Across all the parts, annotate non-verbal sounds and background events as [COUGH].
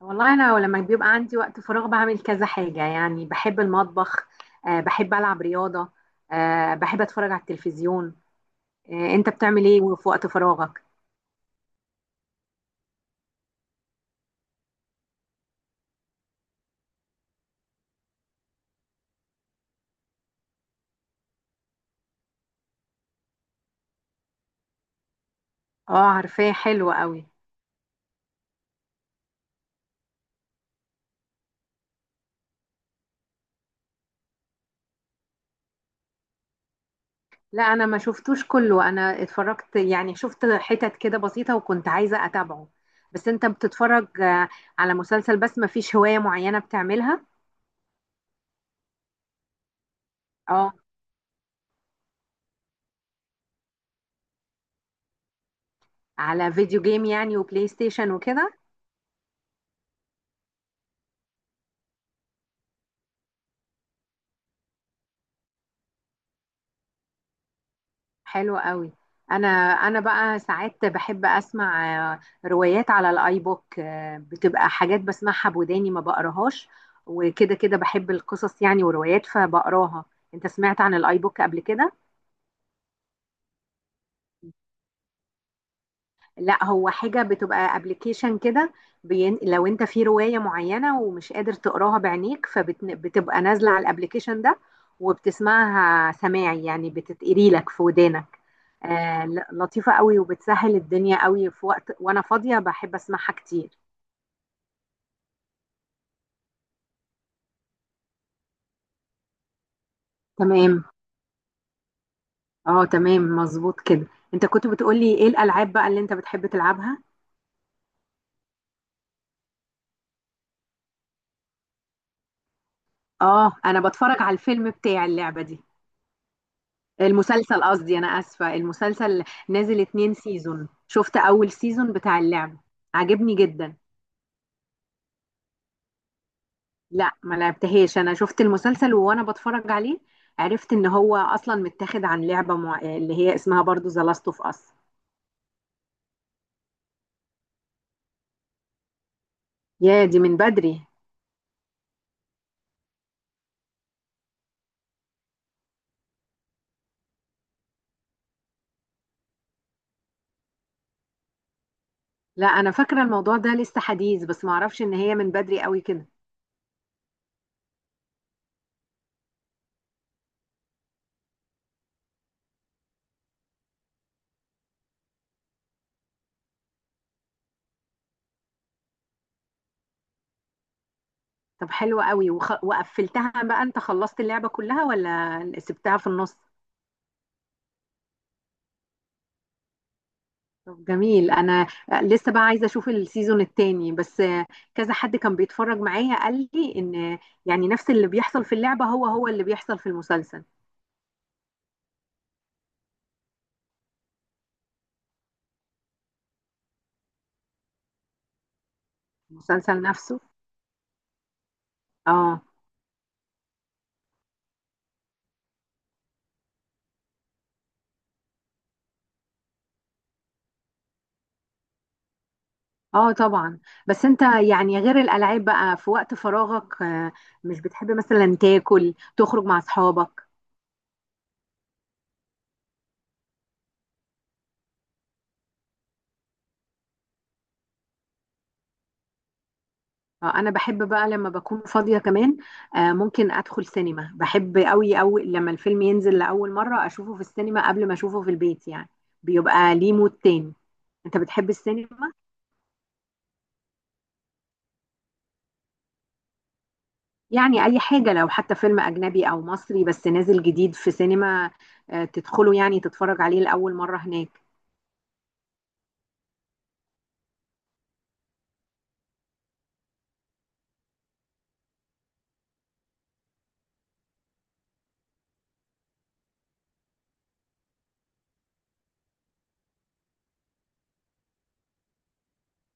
والله انا لما بيبقى عندي وقت فراغ بعمل كذا حاجه يعني بحب المطبخ. بحب العب رياضه. بحب اتفرج على التلفزيون. انت بتعمل ايه في وقت فراغك؟ اه، عارفاه حلو قوي. لا، انا ما شفتوش كله، انا اتفرجت يعني شفت حتت كده بسيطه وكنت عايزه اتابعه. بس انت بتتفرج على مسلسل بس ما فيش هوايه معينه بتعملها؟ اه. على فيديو جيم يعني وبلاي ستيشن وكده. حلو قوي. انا انا بقى ساعات بحب اسمع روايات على الاي بوك. بتبقى حاجات بسمعها بوداني ما بقراهاش. وكده كده بحب القصص يعني وروايات فبقراها. انت سمعت عن الاي بوك قبل كده؟ لا، هو حاجة بتبقى ابلكيشن كده. لو انت في رواية معينة ومش قادر تقراها بعينيك فبتبقى نازلة على الابلكيشن ده وبتسمعها سماعي يعني بتتقري لك في ودانك. آه، لطيفة قوي وبتسهل الدنيا قوي في وقت وانا فاضية بحب اسمعها كتير. تمام. اه، تمام مظبوط كده. انت كنت بتقولي ايه الالعاب بقى اللي انت بتحب تلعبها؟ اه، انا بتفرج على الفيلم بتاع اللعبة دي. المسلسل قصدي، انا اسفه، المسلسل نازل اتنين سيزون. شفت اول سيزون بتاع اللعب، عجبني جدا. لا، ما لعبتهاش، انا شفت المسلسل وانا بتفرج عليه عرفت ان هو اصلا متاخد عن لعبه اللي هي اسمها برضو ذا لاست اوف اس. يا دي من بدري. لا، انا فاكره الموضوع ده لسه حديث بس ما اعرفش ان هي من بدري قوي كده. طب حلوه قوي، وقفلتها بقى؟ انت خلصت اللعبه كلها ولا سبتها في النص؟ طب جميل، انا لسه بقى عايزه اشوف السيزون التاني بس. كذا حد كان بيتفرج معايا قال لي ان يعني نفس اللي بيحصل في اللعبه هو اللي بيحصل في المسلسل، المسلسل نفسه. اه اه، طبعا. بس انت يعني غير الالعاب بقى في وقت فراغك مش بتحب مثلا تاكل تخرج مع اصحابك؟ انا بحب بقى لما بكون فاضيه كمان ممكن ادخل سينما. بحب قوي قوي لما الفيلم ينزل لاول مره اشوفه في السينما قبل ما اشوفه في البيت يعني، بيبقى ليه مود تاني. انت بتحب السينما؟ يعني اي حاجة لو حتى فيلم اجنبي او مصري بس نازل جديد في سينما تدخله يعني تتفرج عليه لأول مرة هناك.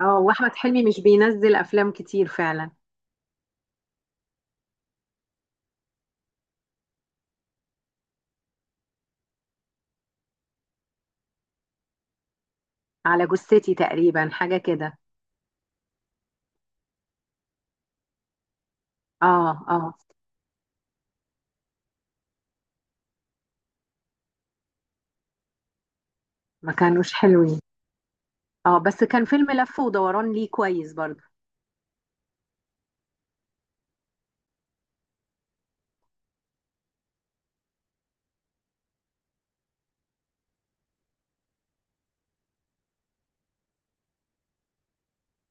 اه، واحمد حلمي مش بينزل افلام كتير فعلا. على جثتي تقريبا، حاجة كده. اه اه، ما كانوش حلوين. اه، بس كان فيلم لف ودوران ليه كويس برضه.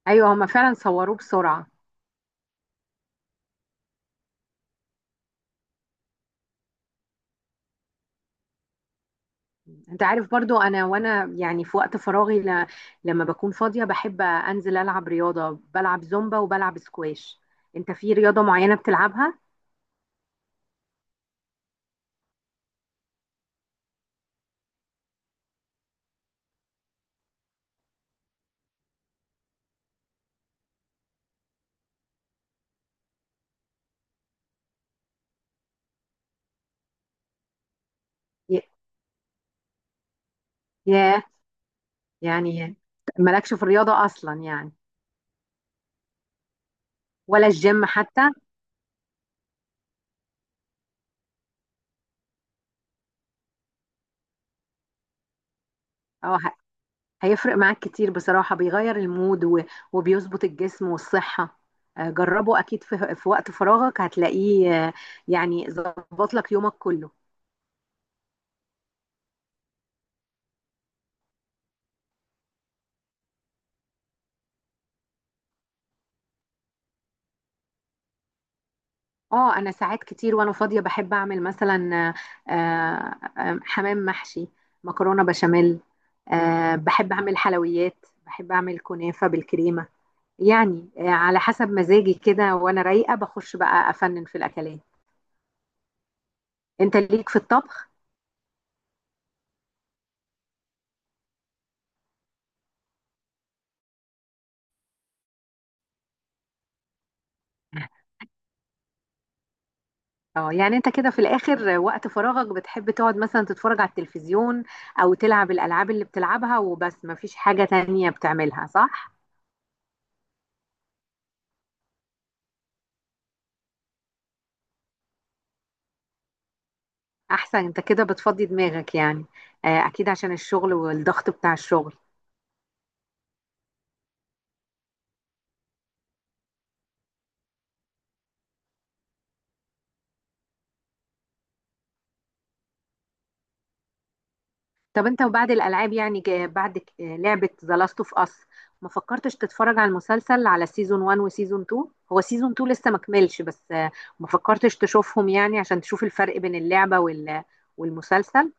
ايوه، هما فعلا صوروه بسرعة. انت عارف برضو انا وانا يعني في وقت فراغي لما بكون فاضية بحب انزل العب رياضة، بلعب زومبا وبلعب سكواش. انت في رياضة معينة بتلعبها؟ ي- ياه، يعني مالكش في الرياضة اصلا يعني؟ ولا الجيم حتى؟ اه، هيفرق معاك كتير بصراحة، بيغير المود وبيظبط الجسم والصحة. جربه اكيد في وقت فراغك هتلاقيه يعني ظبط لك يومك كله. اه، انا ساعات كتير وانا فاضيه بحب اعمل مثلا حمام محشي، مكرونه بشاميل. بحب اعمل حلويات، بحب اعمل كنافه بالكريمه. يعني على حسب مزاجي كده وانا رايقه بخش بقى افنن في الاكلات. انت ليك في الطبخ؟ [LAUGHS] اه، يعني انت كده في الاخر وقت فراغك بتحب تقعد مثلا تتفرج على التلفزيون او تلعب الالعاب اللي بتلعبها وبس، مفيش حاجه تانية بتعملها، صح؟ احسن، انت كده بتفضي دماغك يعني. اكيد عشان الشغل والضغط بتاع الشغل. طب انت وبعد الالعاب يعني جا- بعد ك- آه، لعبة ذا لاست اوف اس، ما فكرتش تتفرج على المسلسل، على سيزون 1 وسيزون 2؟ هو سيزون 2 لسه ما كملش بس ما فكرتش تشوفهم يعني عشان تشوف الفرق بين اللعبة والمسلسل؟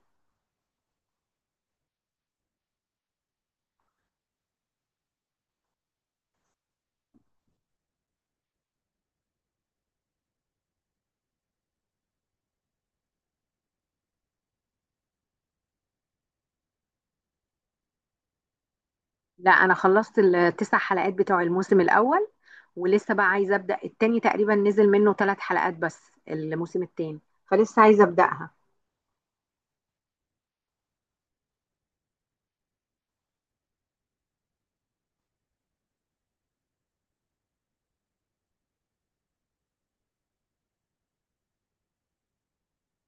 لا، انا خلصت الـ9 حلقات بتوع الموسم الاول ولسه بقى عايزه ابدا التاني. تقريبا نزل منه 3 حلقات بس الموسم التاني، فلسه عايزه ابداها.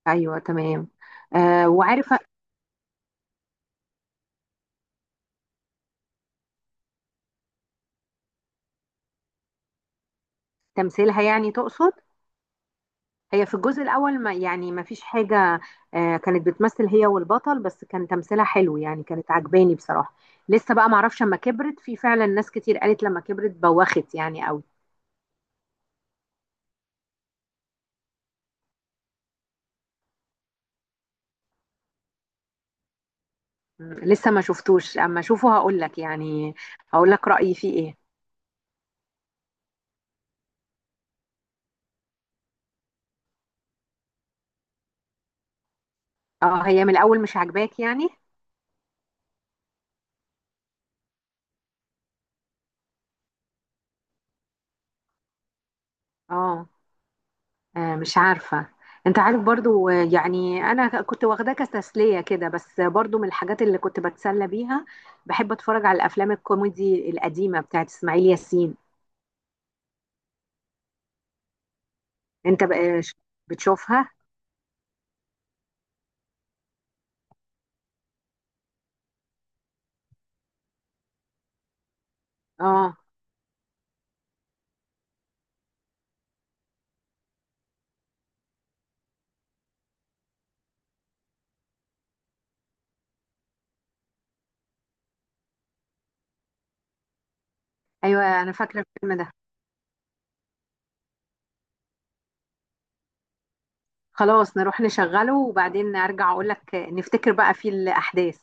ايوه تمام. آه، وعارف؟ تمثيلها يعني تقصد؟ هي في الجزء الأول ما يعني ما فيش حاجة كانت بتمثل هي والبطل بس كان تمثيلها حلو يعني، كانت عجباني بصراحة. لسه بقى معرفش اما كبرت. في فعلا ناس كتير قالت لما كبرت بوخت يعني قوي. لسه ما شفتوش، اما اشوفه هقول لك يعني، هقول لك رأيي فيه ايه. اه، هي من الأول مش عاجباك يعني؟ اه، مش عارفة. انت عارف برضو يعني انا كنت واخداه كتسلية كده بس برضو من الحاجات اللي كنت بتسلى بيها بحب اتفرج على الافلام الكوميدي القديمة بتاعت اسماعيل ياسين. انت بقى بتشوفها؟ اه، ايوه انا فاكرة الفيلم ده. خلاص، نروح نشغله وبعدين ارجع اقولك نفتكر بقى فيه الاحداث.